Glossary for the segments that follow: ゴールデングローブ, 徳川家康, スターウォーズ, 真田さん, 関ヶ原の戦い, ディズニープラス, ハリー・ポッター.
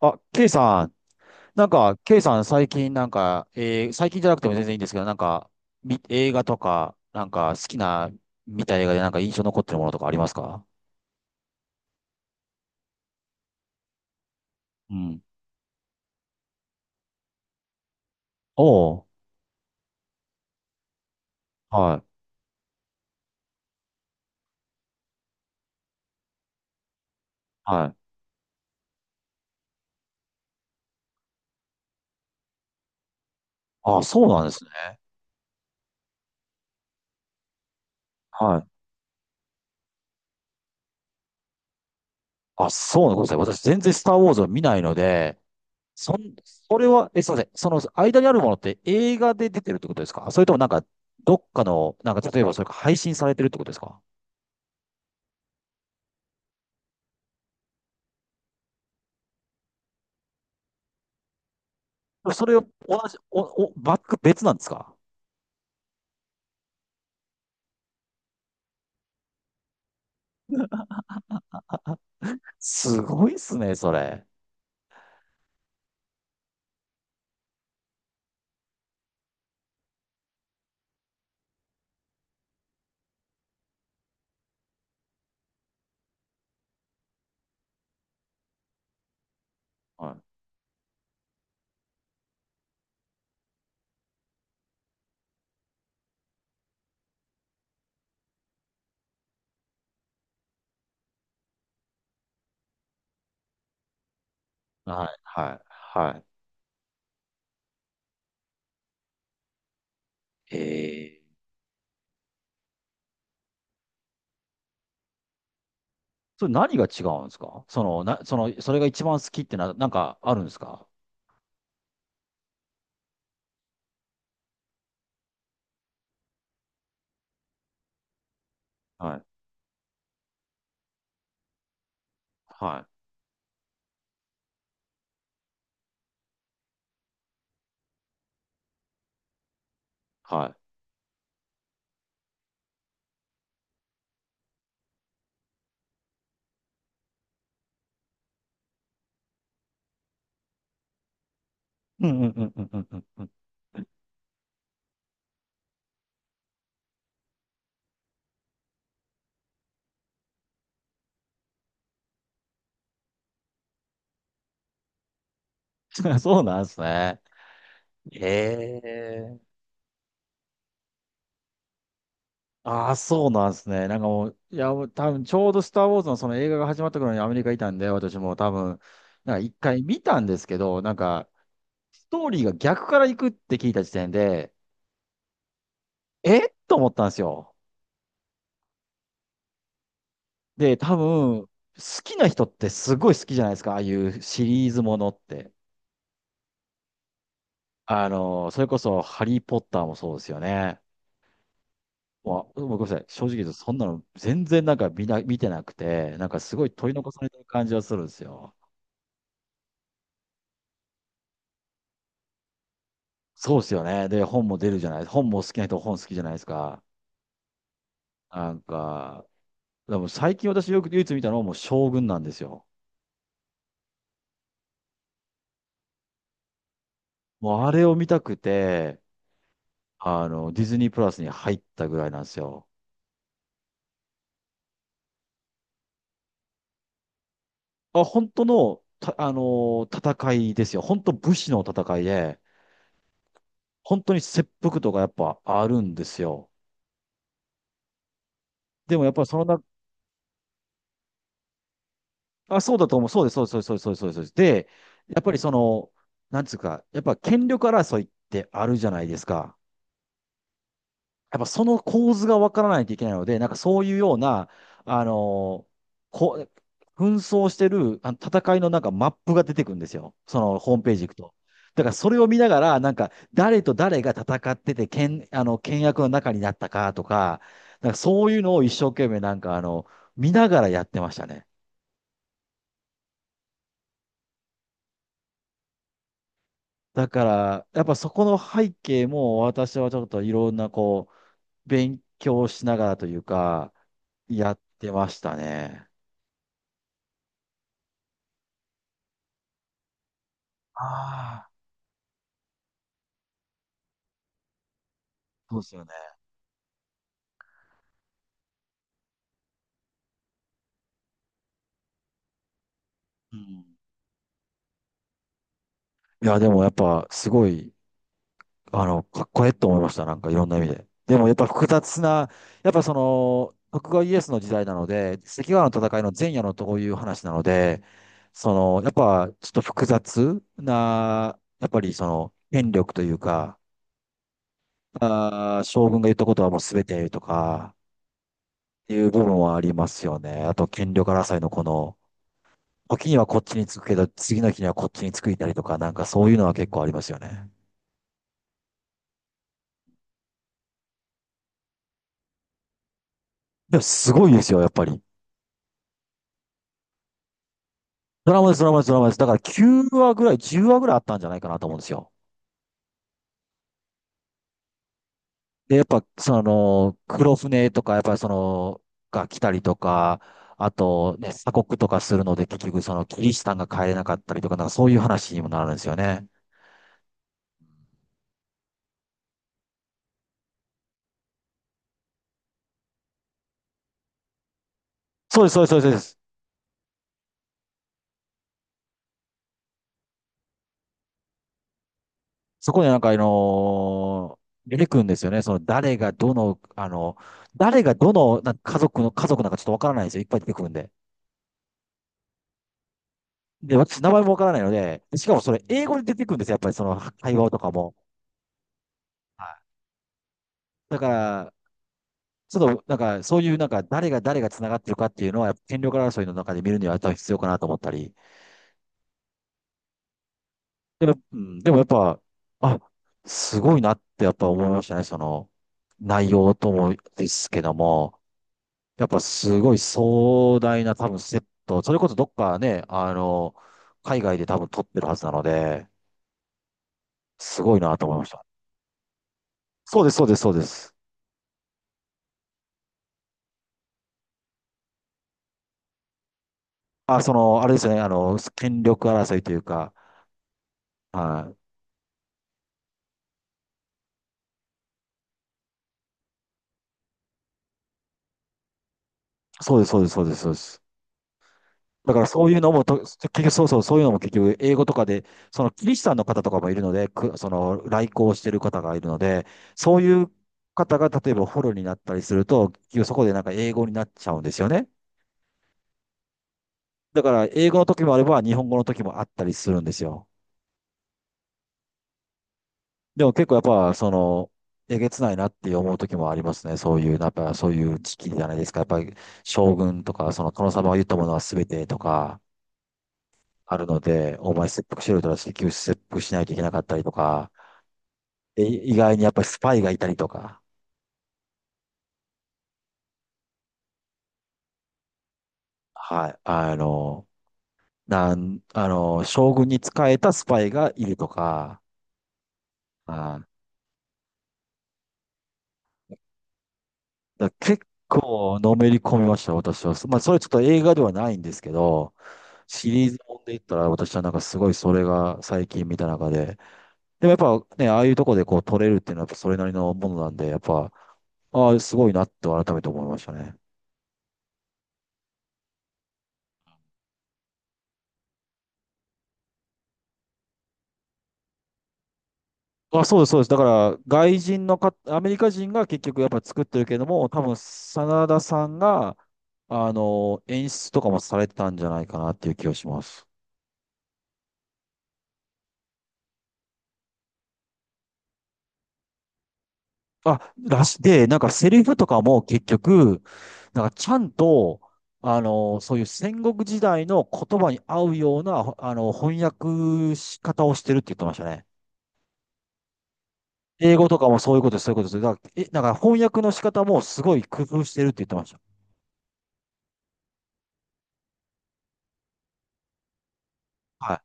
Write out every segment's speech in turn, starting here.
あ、K さん、K さん最近最近じゃなくても全然いいんですけど、映画とか、なんか好きな、見た映画でなんか印象残ってるものとかありますか？うん。おー、はい、はい。あ、そうなんですね。はい。あ、そうなんですね。私全然スターウォーズを見ないので、そん、それは、え、すいません。その間にあるものって映画で出てるってことですか？それともなんか、どっかの、なんか例えばそれか配信されてるってことですか？それを同じ、お、お、バック別なんですか？すごいっすね、それ。はい、はい、はい。はい、えー、それ何が違うんですか？その、な、その、それが一番好きってなんかあるんですか？はい、はい、はい。うんうんうんうんうんうんうん。そうなんですね。ええ、ああ、そうなんですね。なんかもう、いや、もう多分ちょうどスター・ウォーズのその映画が始まった頃にアメリカいたんで、私も多分、なんか一回見たんですけど、なんか、ストーリーが逆から行くって聞いた時点で、えっと思ったんですよ。で、多分、好きな人ってすごい好きじゃないですか。ああいうシリーズものって。あの、それこそ、ハリー・ポッターもそうですよね。まあ、ごめんなさい。正直言うと、そんなの全然見てなくて、なんかすごい取り残されてる感じはするんですよ。そうですよね。で、本も出るじゃない。本も好きな人、本好きじゃないですか。なんか、でも最近私よく唯一見たのはもう将軍なんですよ。もうあれを見たくて、あの、ディズニープラスに入ったぐらいなんですよ。あ、本当の、た、あの、戦いですよ。本当武士の戦いで、本当に切腹とかやっぱあるんですよ。でもやっぱりそのな、あ、そうだと思う。そうです、そうです、そうです、そうです、そうです。そうです。で、やっぱりその、なんつうか、やっぱ権力争いってあるじゃないですか。やっぱその構図がわからないといけないので、なんかそういうような、あのこ紛争してる、あの戦いのなんかマップが出てくるんですよ。そのホームページ行くと。だからそれを見ながら、なんか誰と誰が戦ってて、あの、倹約の中になったかとか、なんかそういうのを一生懸命なんかあの、見ながらやってましたね。だから、やっぱそこの背景も私はちょっといろんな、勉強しながらというか、やってましたね。ああ、そうですよね。うん。いや、でもやっぱ、すごい、あの、かっこええと思いました。なんかいろんな意味で。でもやっぱ複雑な、やっぱその、徳川家康の時代なので、関ヶ原の戦いの前夜のとこいう話なので、その、やっぱちょっと複雑な、やっぱりその、権力というか、あー、将軍が言ったことはもう全てとか、いう部分はありますよね。あと、権力争いのこの、時にはこっちに着くけど、次の日にはこっちに着いたりとか、なんかそういうのは結構ありますよね。でもすごいですよ、やっぱり。ドラマです、ドラマです、ドラマです。だから9話ぐらい、10話ぐらいあったんじゃないかなと思うんですよ。で、やっぱ、その、黒船とか、やっぱりその、が来たりとか、あと、ね、鎖国とかするので、結局その、キリシタンが帰れなかったりとか、なんかそういう話にもなるんですよね。そうです、そうです、そうです。そこでなんか、あの、出てくるんですよね。その誰がどの、あの、誰がどのなんか家族の、家族なんかちょっとわからないんですよ。いっぱい出てくるんで。で、私、名前もわからないので、しかもそれ英語で出てくるんですよ。やっぱりその会話とかも。はい。だから、ちょっとなんか、そういうなんか、誰が繋がってるかっていうのは、やっぱ権力争いの中で見るには多分必要かなと思ったり。でも、うん、でもやっぱ、あ、すごいなってやっぱ思いましたね。その、内容ともですけども。やっぱすごい壮大な多分セット、それこそどっかね、あの、海外で多分撮ってるはずなので、すごいなと思いました。そうです、そうです、そうです。あ、その、あれですよね、あの、権力争いというか、はい。そうです、そうです、そうです、そうです。だからそういうのもと、結局、そうそう、そういうのも結局、英語とかで、そのキリシタンの方とかもいるので、その、来航してる方がいるので、そういう方が、例えばフォローになったりすると、結局そこでなんか英語になっちゃうんですよね。だから、英語の時もあれば、日本語の時もあったりするんですよ。でも結構やっぱ、その、えげつないなって思う時もありますね。そういう、やっぱそういう時期じゃないですか。やっぱり、将軍とか、その殿様が言ったものは全てとか、あるので、お前切腹しろとら結局切腹しないといけなかったりとか、で意外にやっぱりスパイがいたりとか、はい、あの、あの、将軍に仕えたスパイがいるとか、は、だから結構のめり込みました、私は。まあ、それちょっと映画ではないんですけど、シリーズもんで言ったら、私はなんかすごいそれが最近見た中で、でもやっぱね、ああいうとこでこう撮れるっていうのはやっぱそれなりのものなんで、やっぱ、ああ、すごいなって改めて思いましたね。あ、そうです、そうです。だから、外人のか、アメリカ人が結局やっぱ作ってるけども、多分、真田さんが、あの、演出とかもされてたんじゃないかなっていう気がします。で、なんかセリフとかも結局、なんかちゃんと、あの、そういう戦国時代の言葉に合うような、あの、翻訳し方をしてるって言ってましたね。英語とかもそういうことです、そういうことです。だから、え、なんか翻訳の仕方もすごい工夫してるって言ってました。はい。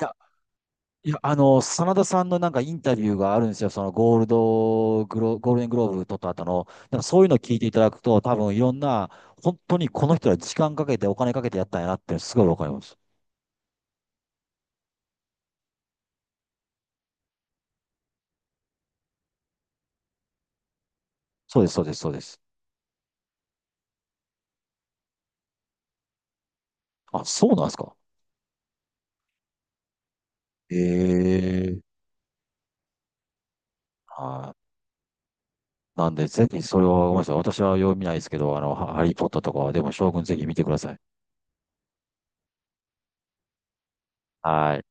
いや、いや、あの、真田さんのなんかインタビューがあるんですよ。そのゴールデングローブ取った後の。なんかそういうのを聞いていただくと、多分いろんな、本当にこの人は時間かけてお金かけてやったんやなってすごいわかります。そうです、そうです、そうです。あ、そうなんですか。ええ、はい。なんで、ぜひ、それは、ごめんなさい。私は読みないですけど、あの、ハリーポッターとかは、でも、将軍ぜひ見てください。はい。